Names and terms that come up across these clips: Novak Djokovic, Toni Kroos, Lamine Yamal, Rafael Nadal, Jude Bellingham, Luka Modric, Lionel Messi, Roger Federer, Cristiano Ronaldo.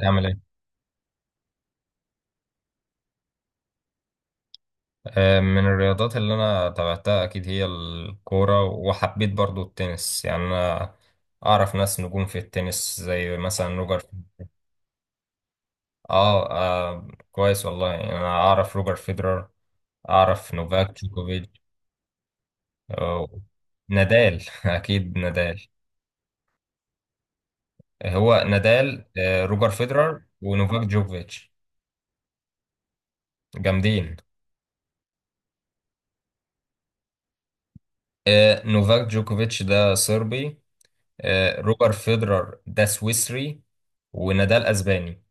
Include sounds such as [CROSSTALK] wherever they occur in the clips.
ازيك عامل ايه؟ من الرياضات اللي انا تابعتها اكيد هي الكورة، وحبيت برضو التنس. يعني انا اعرف ناس نجوم في التنس، زي مثلا روجر. اه, آه، كويس والله. يعني انا اعرف روجر فيدرر، اعرف نوفاك جوكوفيتش. آه، نادال [LAUGHS] اكيد نادال. هو نادال، روجر فيدرر ونوفاك جوكوفيتش. جامدين. آه، نوفاك جوكوفيتش ده صربي. روجر فيدرر ده سويسري. ونادال اسباني.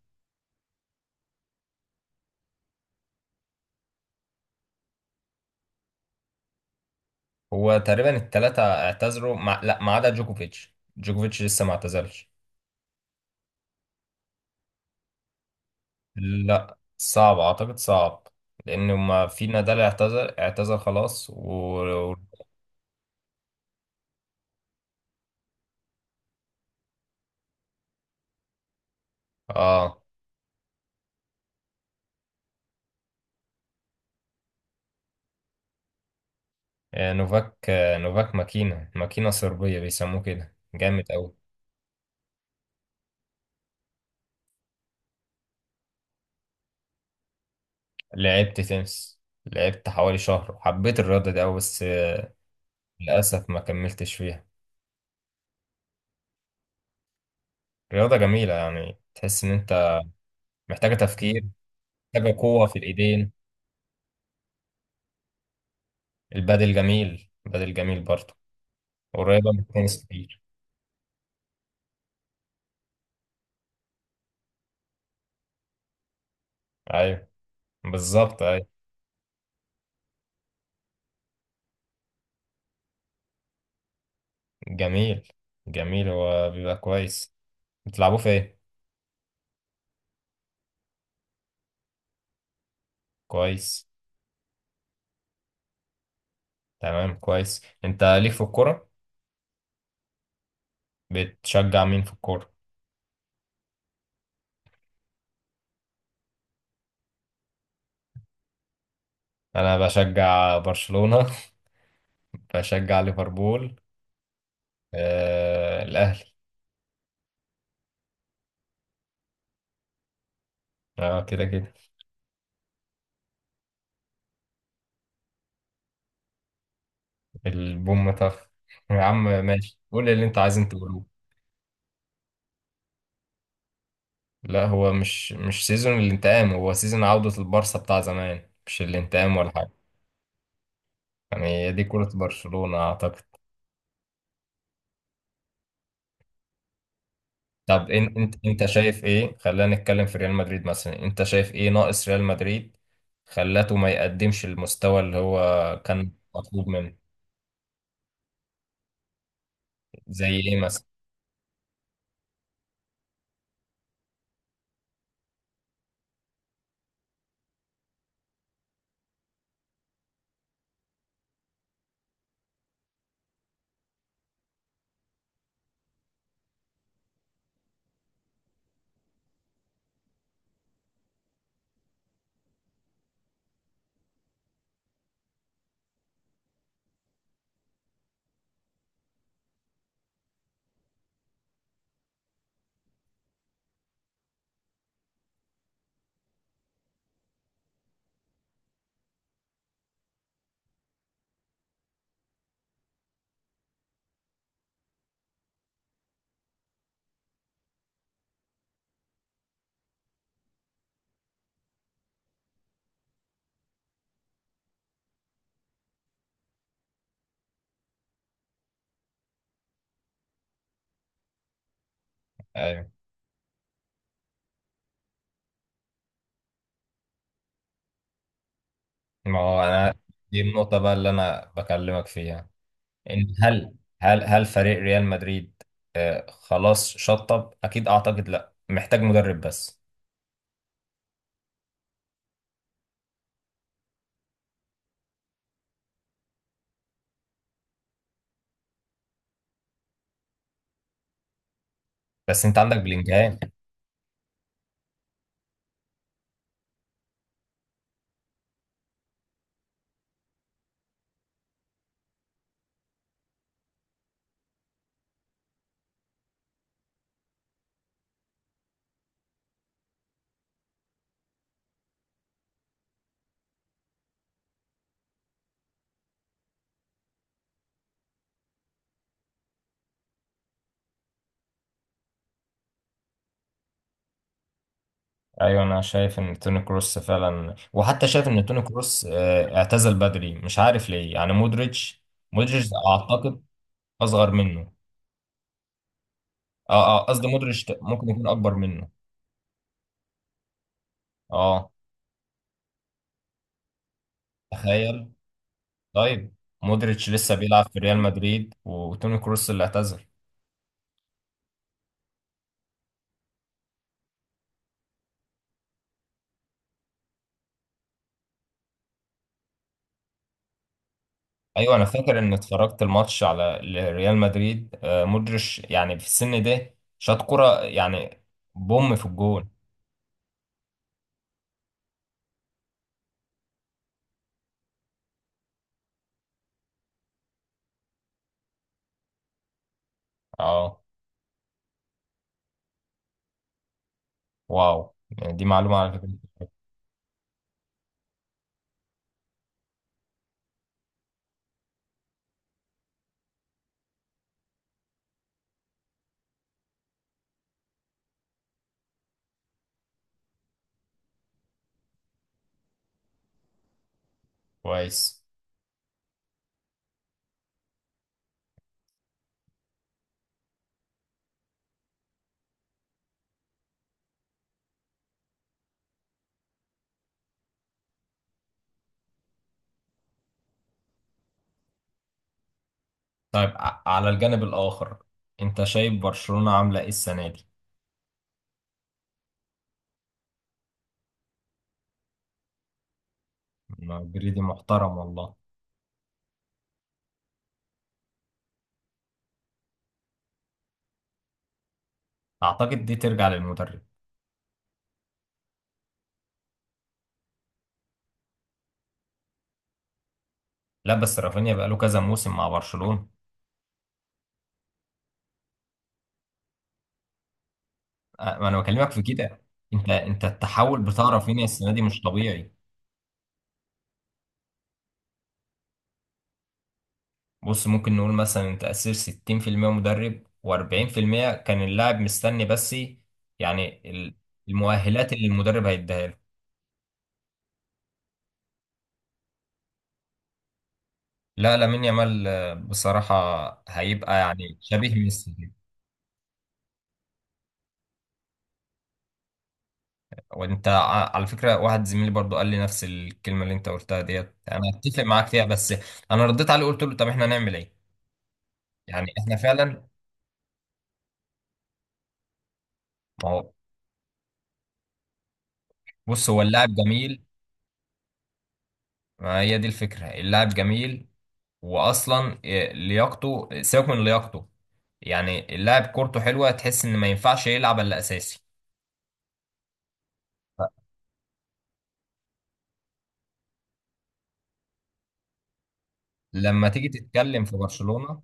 هو تقريبا الثلاثة اعتذروا لا، ما عدا جوكوفيتش لسه ما اعتزلش. لا، صعب اعتقد، صعب. لان ما في، نادال اعتذر خلاص و... اه، نوفاك ماكينة، ماكينة صربية، بيسموه كده جامد قوي. لعبت تنس، لعبت حوالي شهر. حبيت الرياضة دي قوي، بس للأسف ما كملتش فيها. رياضة جميلة، يعني تحس إن أنت محتاجة تفكير، حاجة قوة في الإيدين. البادل جميل، البادل جميل برضه، قريبة من التنس كتير. أيوة، بالظبط، أيوة. جميل، جميل، هو بيبقى كويس. بتلعبوه في إيه؟ كويس. تمام، كويس. أنت ليك في الكورة؟ بتشجع مين في الكورة؟ أنا بشجع برشلونة [LAUGHS] بشجع ليفربول، آه الأهلي. أه، كده كده. البوم طف [LAUGHS] يا عم ماشي، قول اللي أنت عايز تقوله. لا، هو مش سيزون الانتقام، هو سيزون عودة البارسا بتاع زمان، مش الانتقام ولا حاجة. يعني هي دي كرة برشلونة، أعتقد. طب انت شايف ايه؟ خلينا نتكلم في ريال مدريد مثلا. انت شايف ايه ناقص ريال مدريد؟ خلاته ما يقدمش المستوى اللي هو كان مطلوب منه. زي ايه مثلا؟ ايوه. ما هو انا، دي النقطة بقى اللي انا بكلمك فيها. ان هل فريق ريال مدريد، خلاص شطب اكيد اعتقد. لا، محتاج مدرب بس. بس انت عندك بلينجهام. ايوه، انا شايف ان توني كروس فعلا، وحتى شايف ان توني كروس اعتزل بدري مش عارف ليه. يعني مودريتش، مودريتش اعتقد اصغر منه. اه اه، قصدي مودريتش ممكن يكون اكبر منه. اه، تخيل. طيب، مودريتش لسه بيلعب في ريال مدريد، وتوني كروس اللي اعتزل. ايوه، انا فاكر ان اتفرجت الماتش على ريال مدريد. مودريتش يعني في السن ده شاط كرة، يعني بوم في الجون. اه، واو، يعني دي معلومة على فكرة. كويس. طيب، على الجانب الآخر، أنت شايف برشلونة عاملة إيه السنة دي؟ مدريدي محترم والله. أعتقد دي ترجع للمدرب. لا، بس رافينيا بقاله كذا موسم مع برشلونة. ما أنا بكلمك في كده. أنت التحول بتاع رافينيا السنة دي مش طبيعي. بص، ممكن نقول مثلا أنت أسير 60% مدرب و40% كان اللاعب مستني بس. يعني المؤهلات اللي المدرب هيديها له. لا، لامين يامال بصراحة هيبقى يعني شبيه ميسي. وانت على فكرة، واحد زميلي برضو قال لي نفس الكلمة اللي انت قلتها ديت، انا اتفق معاك فيها. بس انا رديت عليه، قلت له طب احنا نعمل ايه؟ يعني احنا فعلا. ما هو، بص، هو اللاعب جميل. ما هي دي الفكرة، اللاعب جميل. واصلا إيه، لياقته؟ سيبك من لياقته. يعني اللاعب كورته حلوة، تحس ان ما ينفعش يلعب الا اساسي. لما تيجي تتكلم في برشلونة،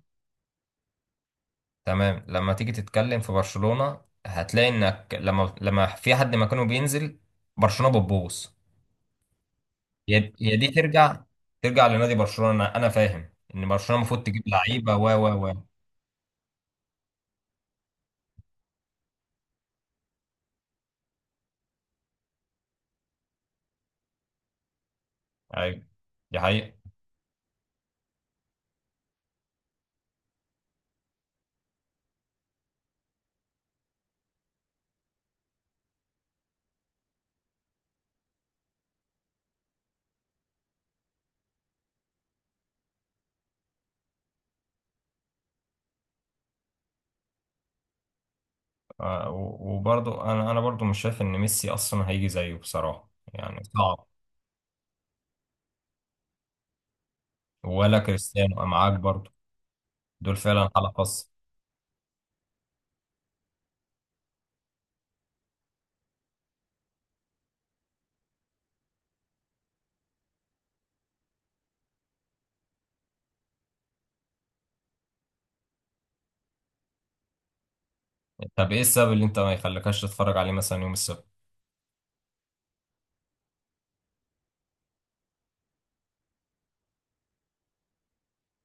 تمام، لما تيجي تتكلم في برشلونة هتلاقي انك لما في حد مكانه بينزل، برشلونة بتبوظ. هي دي ترجع، ترجع لنادي برشلونة. انا فاهم ان برشلونة المفروض تجيب لعيبة و. ايوه، دي حقيقة. وبرضه انا برضه مش شايف ان ميسي اصلا هيجي زيه بصراحة، يعني صعب. ولا كريستيانو معاك برضه، دول فعلا حالة خاصة. طب ايه السبب اللي انت ما يخليكش تتفرج عليه مثلا يوم السبت؟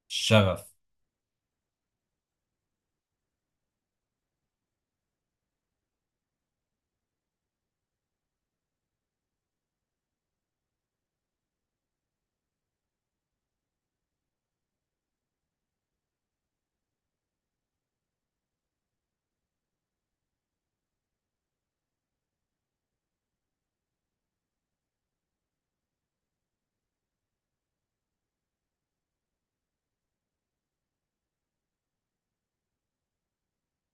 الشغف.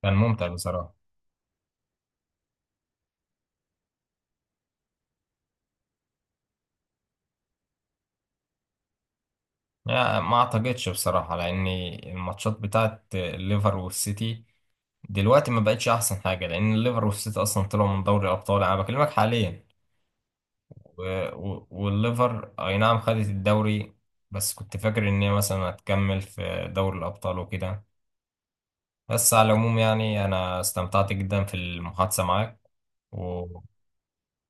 كان ممتع بصراحة. لا، ما اعتقدش بصراحة، لان الماتشات بتاعت الليفر والسيتي دلوقتي ما بقتش احسن حاجة، لان الليفر والسيتي اصلا طلعوا من دوري الابطال، انا بكلمك حاليا. و... والليفر اي نعم خدت الدوري، بس كنت فاكر ان هي مثلا هتكمل في دوري الابطال وكده. بس على العموم يعني انا استمتعت جدا في المحادثة معاك. و...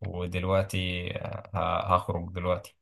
ودلوقتي هخرج دلوقتي.